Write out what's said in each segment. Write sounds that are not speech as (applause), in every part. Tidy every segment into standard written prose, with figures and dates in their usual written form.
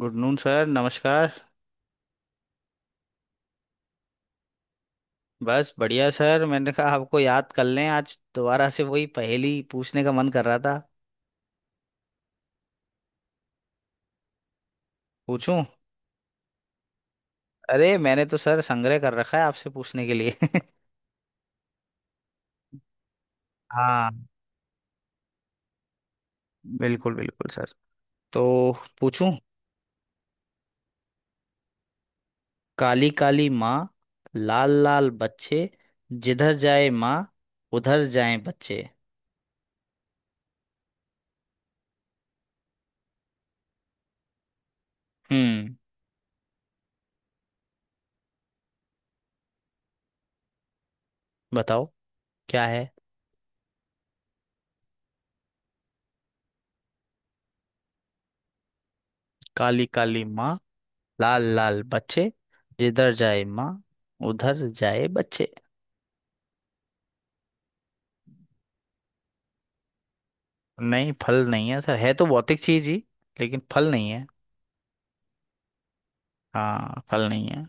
Good noon sir, नमस्कार। बस बढ़िया सर, मैंने कहा आपको याद कर लें, आज दोबारा से वही पहेली पूछने का मन कर रहा था। पूछूं? अरे मैंने तो सर संग्रह कर रखा है आपसे पूछने के लिए (laughs) हाँ, बिल्कुल बिल्कुल सर। तो पूछूं। काली काली माँ, लाल लाल बच्चे, जिधर जाए माँ उधर जाए बच्चे। हम्म। बताओ क्या है। काली काली माँ, लाल लाल बच्चे, जिधर जाए माँ उधर जाए बच्चे। नहीं, फल नहीं है सर, है तो भौतिक चीज ही, लेकिन फल नहीं है। हाँ, फल नहीं है।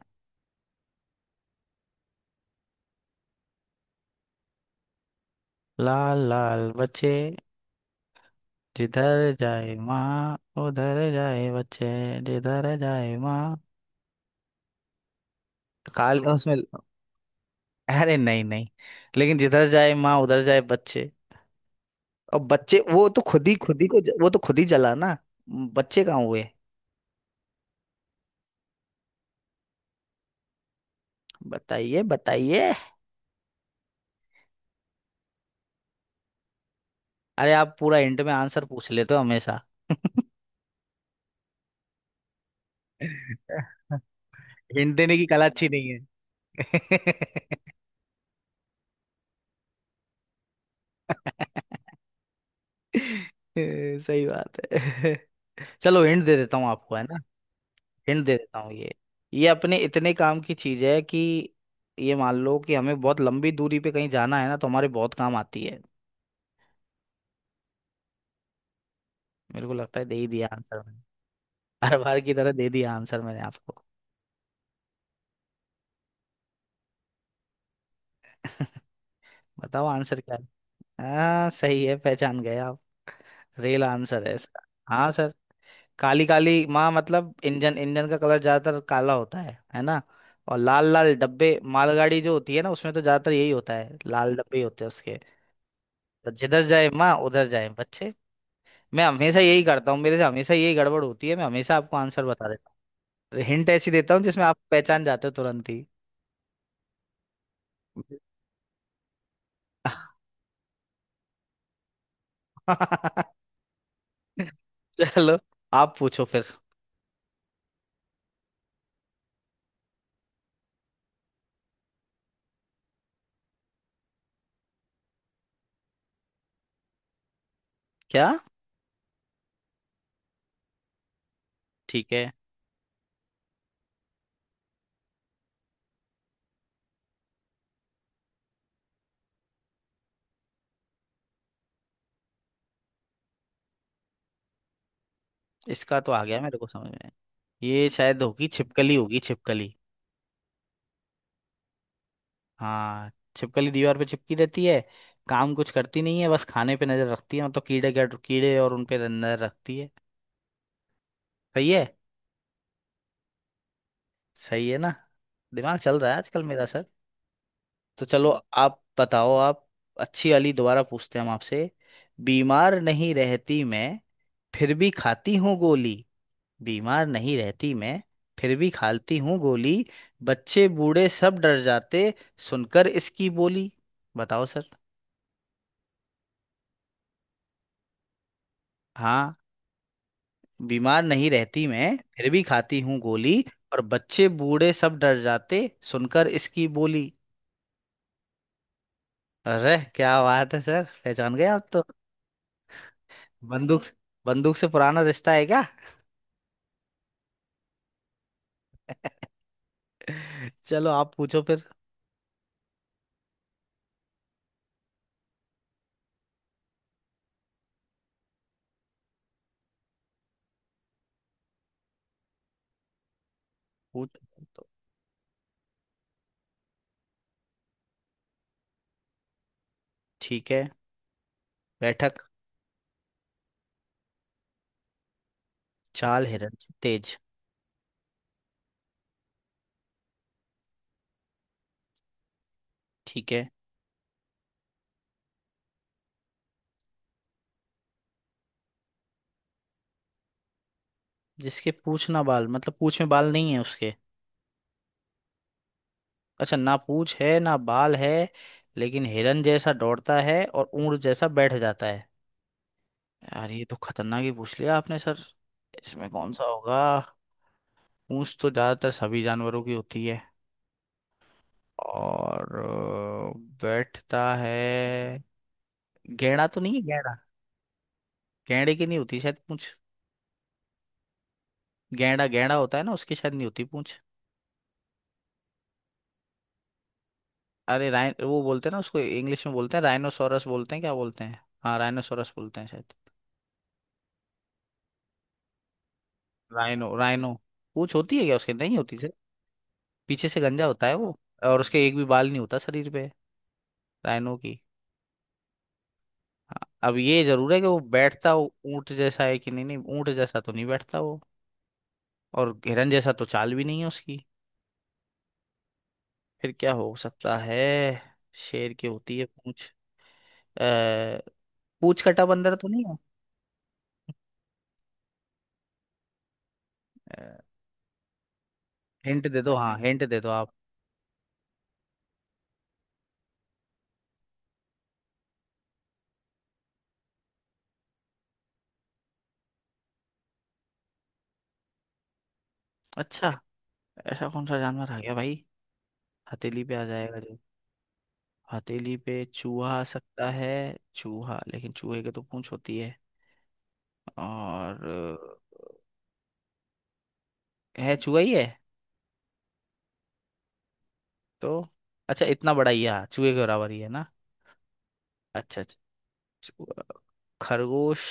लाल लाल बच्चे, जिधर जाए माँ उधर जाए बच्चे, जिधर जाए माँ। काल उसमें, अरे नहीं नहीं, लेकिन जिधर जाए माँ उधर जाए बच्चे। और बच्चे वो तो खुद ही को वो तो खुद ही जला ना। बच्चे कहाँ हुए। बताइए बताइए। अरे आप पूरा हिंट में आंसर पूछ लेते हो हमेशा। (laughs) हिंट देने की कला अच्छी नहीं है। (laughs) (laughs) सही बात है। (laughs) चलो हिंट दे देता हूँ आपको, है ना। हिंट दे देता हूँ ये। ये अपने इतने काम की चीज है कि ये मान लो कि हमें बहुत लंबी दूरी पे कहीं जाना है ना, तो हमारे बहुत काम आती है। मेरे को लगता है दे ही दिया आंसर मैंने। हर बार की तरह दे दिया आंसर मैंने आपको। (laughs) बताओ आंसर क्या है। हाँ सही है, पहचान गए आप। रियल आंसर है इसका। हाँ सर। काली काली माँ मतलब इंजन, इंजन का कलर ज्यादातर काला होता है ना। और लाल लाल डब्बे, मालगाड़ी जो होती है ना, उसमें तो ज्यादातर यही होता है, लाल डब्बे ही होते हैं उसके। तो जिधर जाए माँ उधर जाए बच्चे। मैं हमेशा यही करता हूँ, मेरे से हमेशा यही गड़बड़ होती है, मैं हमेशा आपको आंसर बता देता हूँ। हिंट ऐसी देता हूँ जिसमें आप पहचान जाते हो तुरंत ही। (laughs) चलो आप पूछो फिर। क्या। ठीक है। इसका तो आ गया मेरे को समझ में। ये शायद होगी छिपकली, होगी छिपकली। हाँ। छिपकली दीवार पे चिपकी रहती है, काम कुछ करती नहीं है, बस खाने पे नजर रखती है, मतलब कीड़े, क्या कीड़े, और उन पे नजर रखती है। सही है। सही है ना। दिमाग चल रहा है आजकल मेरा सर। तो चलो। आप बताओ आप। अच्छी वाली दोबारा पूछते हैं हम आपसे। बीमार नहीं रहती मैं, फिर भी खाती हूँ गोली। बीमार नहीं रहती मैं, फिर भी खाती हूँ गोली। बच्चे बूढ़े सब डर जाते सुनकर इसकी बोली। बताओ सर। हाँ, बीमार नहीं रहती मैं फिर भी खाती हूँ गोली। और बच्चे बूढ़े सब डर जाते सुनकर इसकी बोली। अरे क्या बात है सर, पहचान गए आप तो। बंदूक। बंदूक से पुराना रिश्ता है क्या। (laughs) चलो आप पूछो फिर। पूछ। तो ठीक है। बैठक। चाल हिरण से तेज। ठीक है। जिसके पूछ ना बाल मतलब पूछ में बाल नहीं है उसके। अच्छा, ना पूछ है ना बाल है, लेकिन हिरन जैसा दौड़ता है और ऊंट जैसा बैठ जाता है। यार ये तो खतरनाक ही पूछ लिया आपने सर। इसमें कौन सा होगा। पूंछ तो ज्यादातर सभी जानवरों की होती है। और बैठता है। गैंडा तो नहीं है, गैंडा। गैंडे की नहीं होती शायद पूंछ। गैंडा, गैंडा होता है ना, उसकी शायद नहीं होती पूंछ। अरे राइन, वो बोलते हैं ना उसको, इंग्लिश में बोलते हैं राइनोसोरस बोलते हैं, क्या बोलते हैं, हाँ राइनोसोरस बोलते हैं शायद। Rhino, rhino. पूंछ होती है क्या उसके, नहीं होती सर। पीछे से गंजा होता है वो। और उसके एक भी बाल नहीं होता शरीर पे। राइनो की। हाँ, अब ये जरूर है कि वो बैठता, वो ऊंट जैसा है कि नहीं, नहीं ऊंट जैसा तो नहीं बैठता वो। और हिरन जैसा तो चाल भी नहीं है उसकी। फिर क्या हो सकता है। शेर की होती है पूंछ। अ, पूंछ कटा बंदर तो नहीं है। हिंट दे दो, हाँ हिंट दे दो आप। अच्छा, ऐसा कौन सा जानवर आ गया भाई। हथेली पे आ जाएगा जो। हथेली पे चूहा आ सकता है। चूहा, लेकिन चूहे के तो पूंछ होती है। और है चूहा ही है। तो अच्छा, इतना बड़ा ही है, हाँ, चूहे के बराबर ही है ना। अच्छा। चूहा- खरगोश।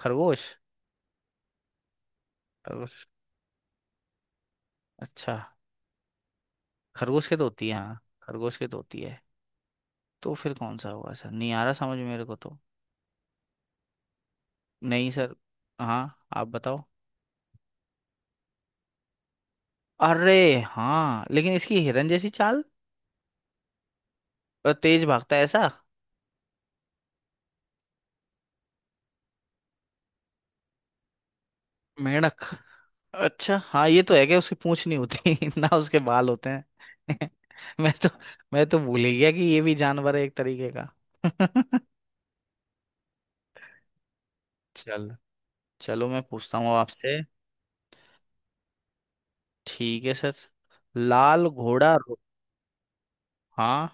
खरगोश। खरगोश। अच्छा, खरगोश के तो होती है, हाँ, खरगोश के तो होती है। तो फिर कौन सा होगा सर, नहीं आ रहा समझ मेरे को तो। नहीं सर। हाँ आप बताओ। अरे, हाँ लेकिन इसकी हिरन जैसी चाल और तेज भागता है ऐसा। मेंढक। अच्छा हाँ ये तो है, क्या उसकी पूंछ नहीं होती (laughs) ना उसके बाल होते हैं। (laughs) मैं तो, मैं तो भूल ही गया कि ये भी जानवर है एक तरीके का। (laughs) चल। चलो मैं पूछता हूँ अब आपसे। ठीक है सर। लाल घोड़ा रो-। हाँ।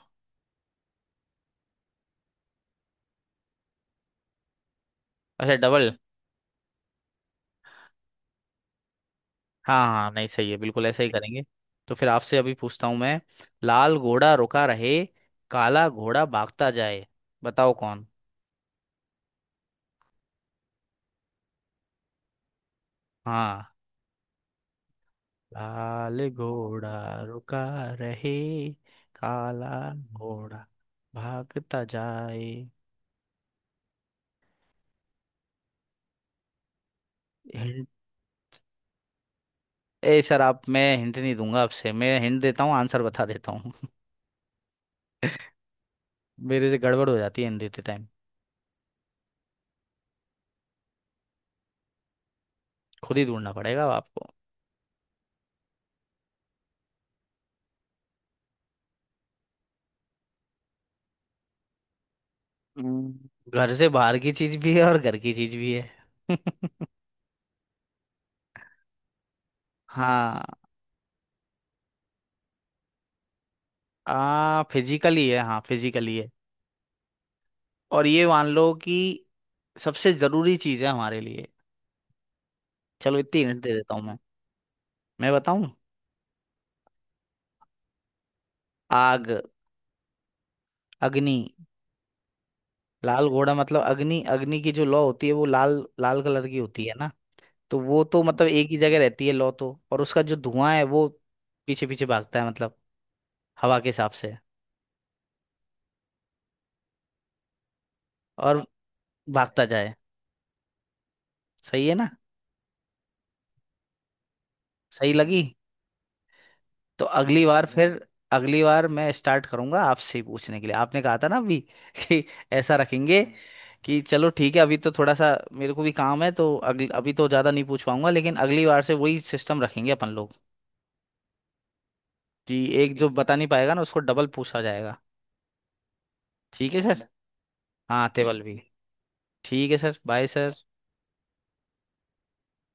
अच्छा डबल। हाँ हाँ हाँ, नहीं सही है, बिल्कुल ऐसा ही करेंगे। तो फिर आपसे अभी पूछता हूँ मैं। लाल घोड़ा रुका रहे, काला घोड़ा भागता जाए, बताओ कौन। हाँ। लाल घोड़ा रुका रहे, काला घोड़ा भागता जाए। हिंट? ए सर आप, मैं हिंट नहीं दूंगा आपसे, मैं हिंट देता हूँ आंसर बता देता हूँ। (laughs) मेरे से गड़बड़ हो जाती है हिंट देते टाइम। खुद ही ढूंढना पड़ेगा अब आपको। हम्म, घर से बाहर की चीज भी है और घर की चीज भी है। (laughs) हाँ। आ फिजिकली है, हाँ फिजिकली है। और ये मान लो कि सबसे जरूरी चीज है हमारे लिए। चलो इतनी हिंट दे देता हूँ मैं। मैं बताऊं? आग, अग्नि। लाल घोड़ा मतलब अग्नि, अग्नि की जो लौ होती है वो लाल लाल कलर की होती है ना। तो वो तो मतलब एक ही जगह रहती है लौ तो, और उसका जो धुआं है वो पीछे पीछे भागता है, मतलब हवा के हिसाब से। और भागता जाए। सही है ना। सही लगी। तो अगली बार है फिर। अगली बार मैं स्टार्ट करूंगा आपसे ही पूछने के लिए, आपने कहा था ना अभी (laughs) कि ऐसा रखेंगे। कि चलो ठीक है, अभी तो थोड़ा सा मेरे को भी काम है, तो अगली अभी तो ज़्यादा नहीं पूछ पाऊंगा, लेकिन अगली बार से वही सिस्टम रखेंगे अपन लोग। कि एक जो बता नहीं पाएगा ना उसको डबल पूछा जाएगा। ठीक है सर। हाँ, टेबल भी। ठीक है सर, बाय सर।